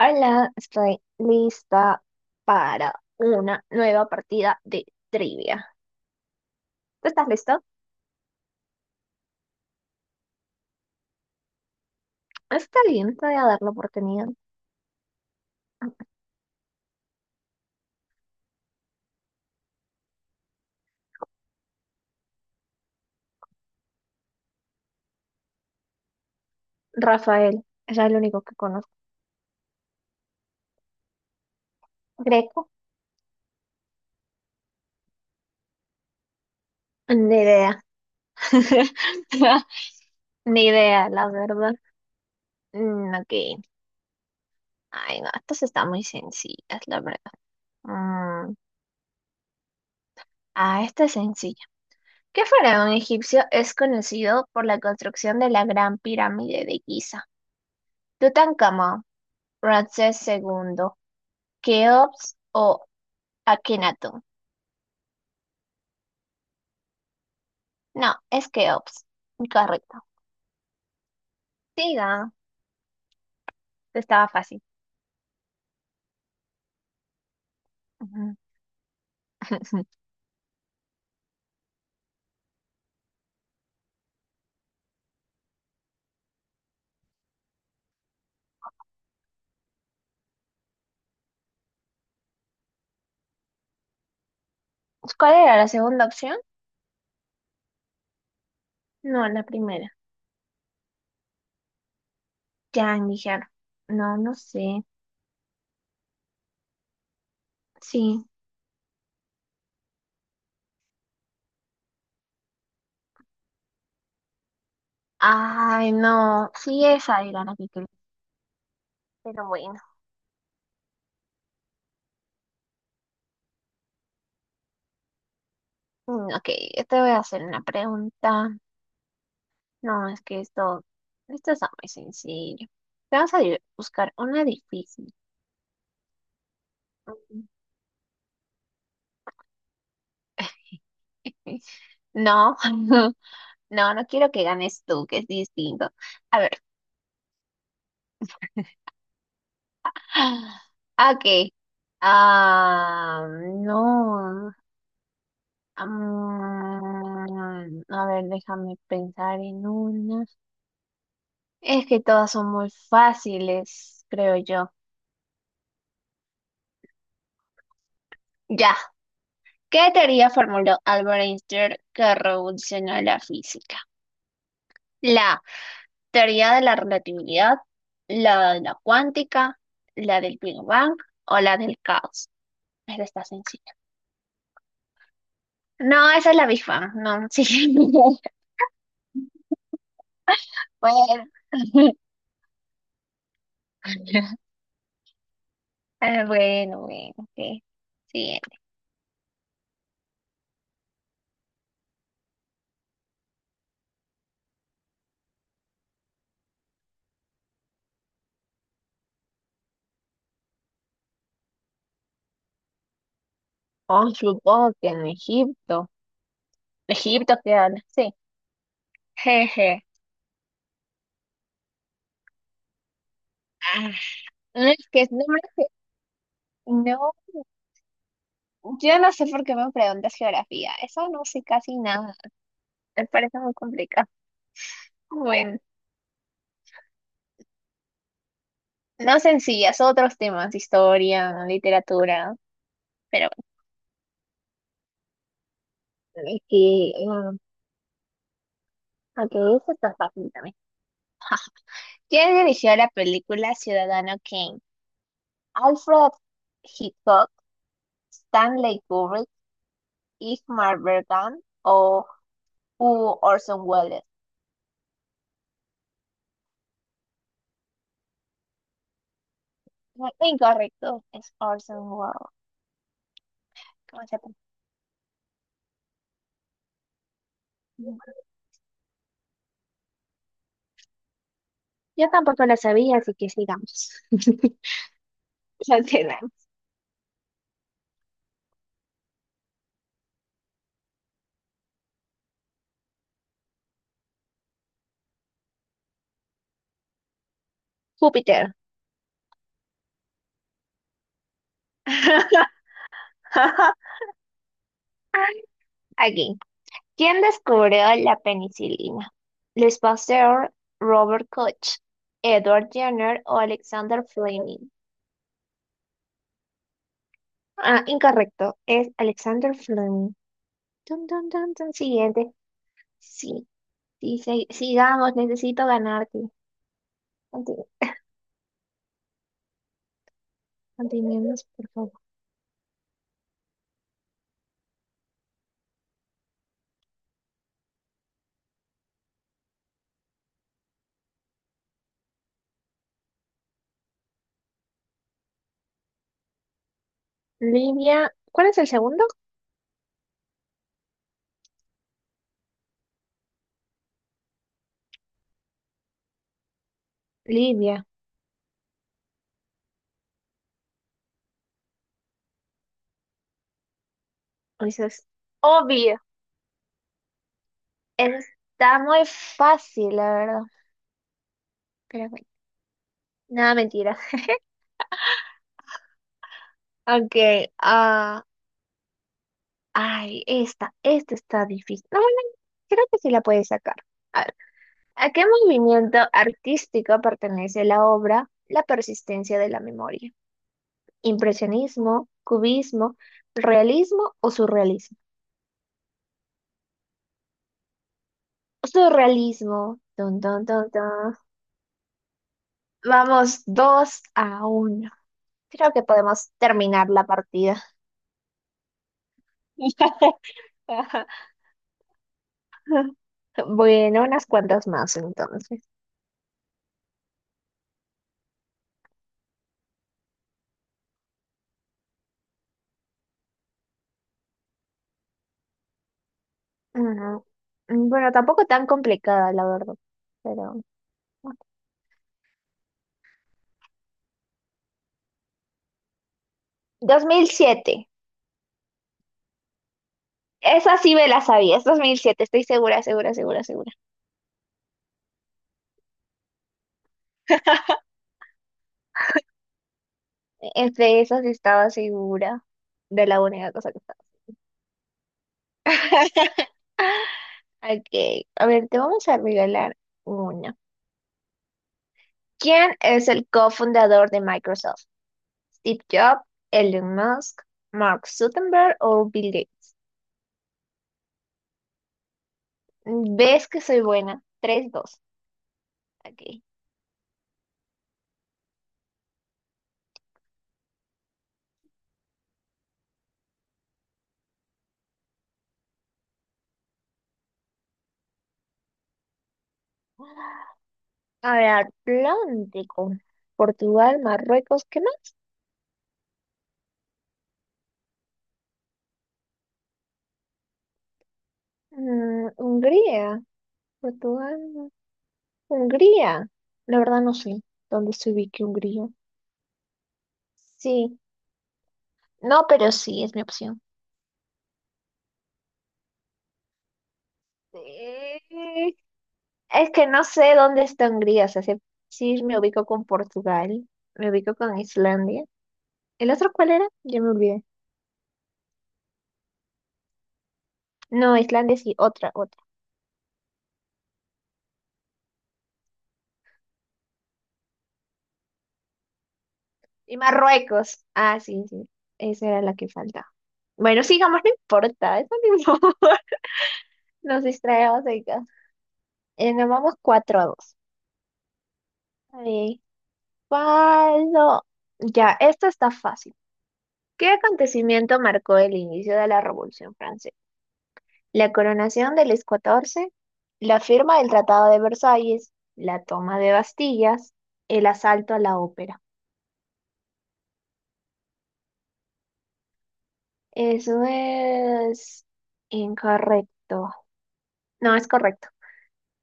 Hola, estoy lista para una nueva partida de trivia. ¿Tú estás listo? Está bien, te voy a dar la oportunidad. Rafael, es el único que conozco. Greco, ni idea. Ni idea, la verdad. Mm, ok. Ay, no, estas están muy sencillas, la verdad. Mm, ah, esta es sencilla. ¿Qué faraón egipcio es conocido por la construcción de la Gran Pirámide de Giza? Tutankamón, Ramsés II, Keops o Akenaton. No, es Keops. Correcto. Siga, estaba fácil. Ujú. ¿Cuál era la segunda opción? No, la primera. Ya, Níger. No, no sé. Sí. Ay, no. Sí, esa era la que quería. Pero bueno. Ok, yo te voy a hacer una pregunta. No, es que esto está muy sencillo. Vamos a buscar una difícil. Ujú. No. No, no quiero que ganes tú, que es distinto. A ver. Ok. Ah, no. A ver, déjame pensar en una. Es que todas son muy fáciles, creo yo. Ya. ¿Qué teoría formuló Albert Einstein que revolucionó la física? La teoría de la relatividad, la de la cuántica, la del Big Bang o la del caos. Esta está sencilla. No, esa es la Big Bang, no, sí. Bueno, ah, bueno, bueno, ok. Siguiente. Oh, supongo que en Egipto. Egipto queda, sí. Jeje. Ah, no, es que no, no, yo no sé por qué me preguntas geografía. Eso no sé casi nada. Me parece muy complicado. Bueno, no sencillas, otros temas, historia, literatura, pero bueno, es que, ah, aunque eso está fácil también. ¿Quién dirigió la película Ciudadano Kane? Alfred Hitchcock, Stanley Kubrick, Ingmar Bergman o u Orson Welles. Incorrecto, es Orson Welles. ¿Cómo se pronuncia? Yo tampoco la sabía, así que sigamos. No tiene. Júpiter. Aquí. ¿Quién descubrió la penicilina? Luis Pasteur, Robert Koch, Edward Jenner o Alexander Fleming. Ah, incorrecto. Es Alexander Fleming. Dun, dun, dun, dun. Siguiente. Sí, sí, sí, sigamos, necesito ganarte. Continu- Continuemos, por favor. Libia, ¿cuál es el segundo? Libia. Eso es obvio. Está muy fácil, la verdad. Pero bueno, nada, mentira. Ok, ah, ay, esta está difícil. No, bueno, creo que sí la puedes sacar. A ver, ¿a qué movimiento artístico pertenece la obra La persistencia de la memoria? Impresionismo, cubismo, realismo o surrealismo. Surrealismo. Dun, dun, dun, dun. Vamos 2-1. Creo que podemos terminar la partida. Bueno, unas cuantas más entonces. Ujú. Bueno, tampoco tan complicada, la verdad. Pero. Bueno. 2007. Esa sí me la sabía. Es 2007. Estoy segura, segura, segura, segura. Es de esas estaba segura de la única cosa que estaba. Ok, a ver, te vamos a regalar uno. ¿Quién es el cofundador de Microsoft? ¿Steve Jobs, Elon Musk, Mark Zuckerberg o Bill Gates? ¿Ves que soy buena? 3-2. Ok. A ver, Atlántico. Portugal, Marruecos, ¿qué más? Hungría. Portugal, no. Hungría. La verdad no sé dónde se ubique Hungría. Sí. No, pero sí, es mi opción. Sí. Es que no sé dónde está Hungría, o sea, sí, sí me ubico con Portugal, me ubico con Islandia. ¿El otro cuál era? Ya me olvidé. No, Islandia sí, otra, otra. Y Marruecos. Ah, sí, sí, esa era la que faltaba. Bueno, sigamos, no importa, eso no importa. Nos distraemos de casa. Nos vamos 4 a 2. A ver, ¿cuál no? Ya, esto está fácil. ¿Qué acontecimiento marcó el inicio de la Revolución Francesa? La coronación de Luis XIV, la firma del Tratado de Versalles, la toma de Bastillas, el asalto a la ópera. Eso es incorrecto. No, es correcto.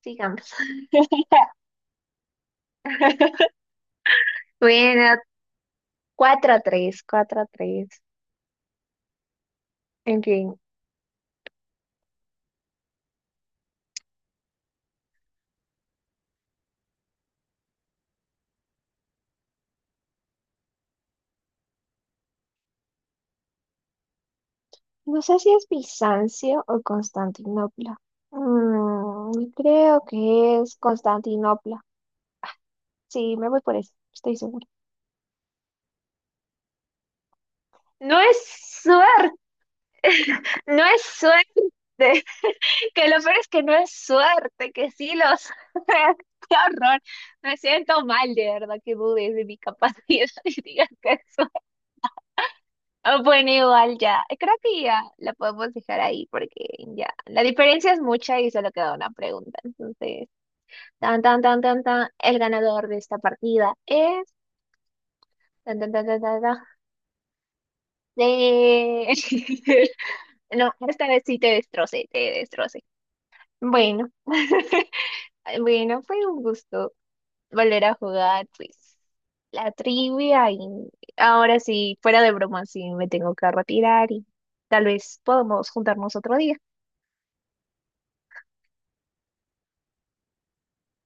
Sigamos. Bueno, 4 a 3, 4 a 3. En fin, no sé si es Bizancio o Constantinopla. Creo que es Constantinopla. Sí, me voy por eso, estoy segura. No es suerte. No es suerte, que lo peor es que no es suerte, que sí los... ¡Qué horror! Me siento mal, de verdad, que dudes de mi capacidad y digas que es suerte. Ah, bueno, igual ya, creo que ya la podemos dejar ahí porque ya, la diferencia es mucha y solo queda una pregunta. Entonces, tan, tan, tan, tan, tan, el ganador de esta partida es... Tan, tan, tan, tan, tan, tan, de... No, esta vez sí te destrocé, te destrocé. Bueno. Bueno, fue un gusto volver a jugar, pues, la trivia y ahora sí, fuera de broma, sí, me tengo que retirar y tal vez podamos juntarnos otro día.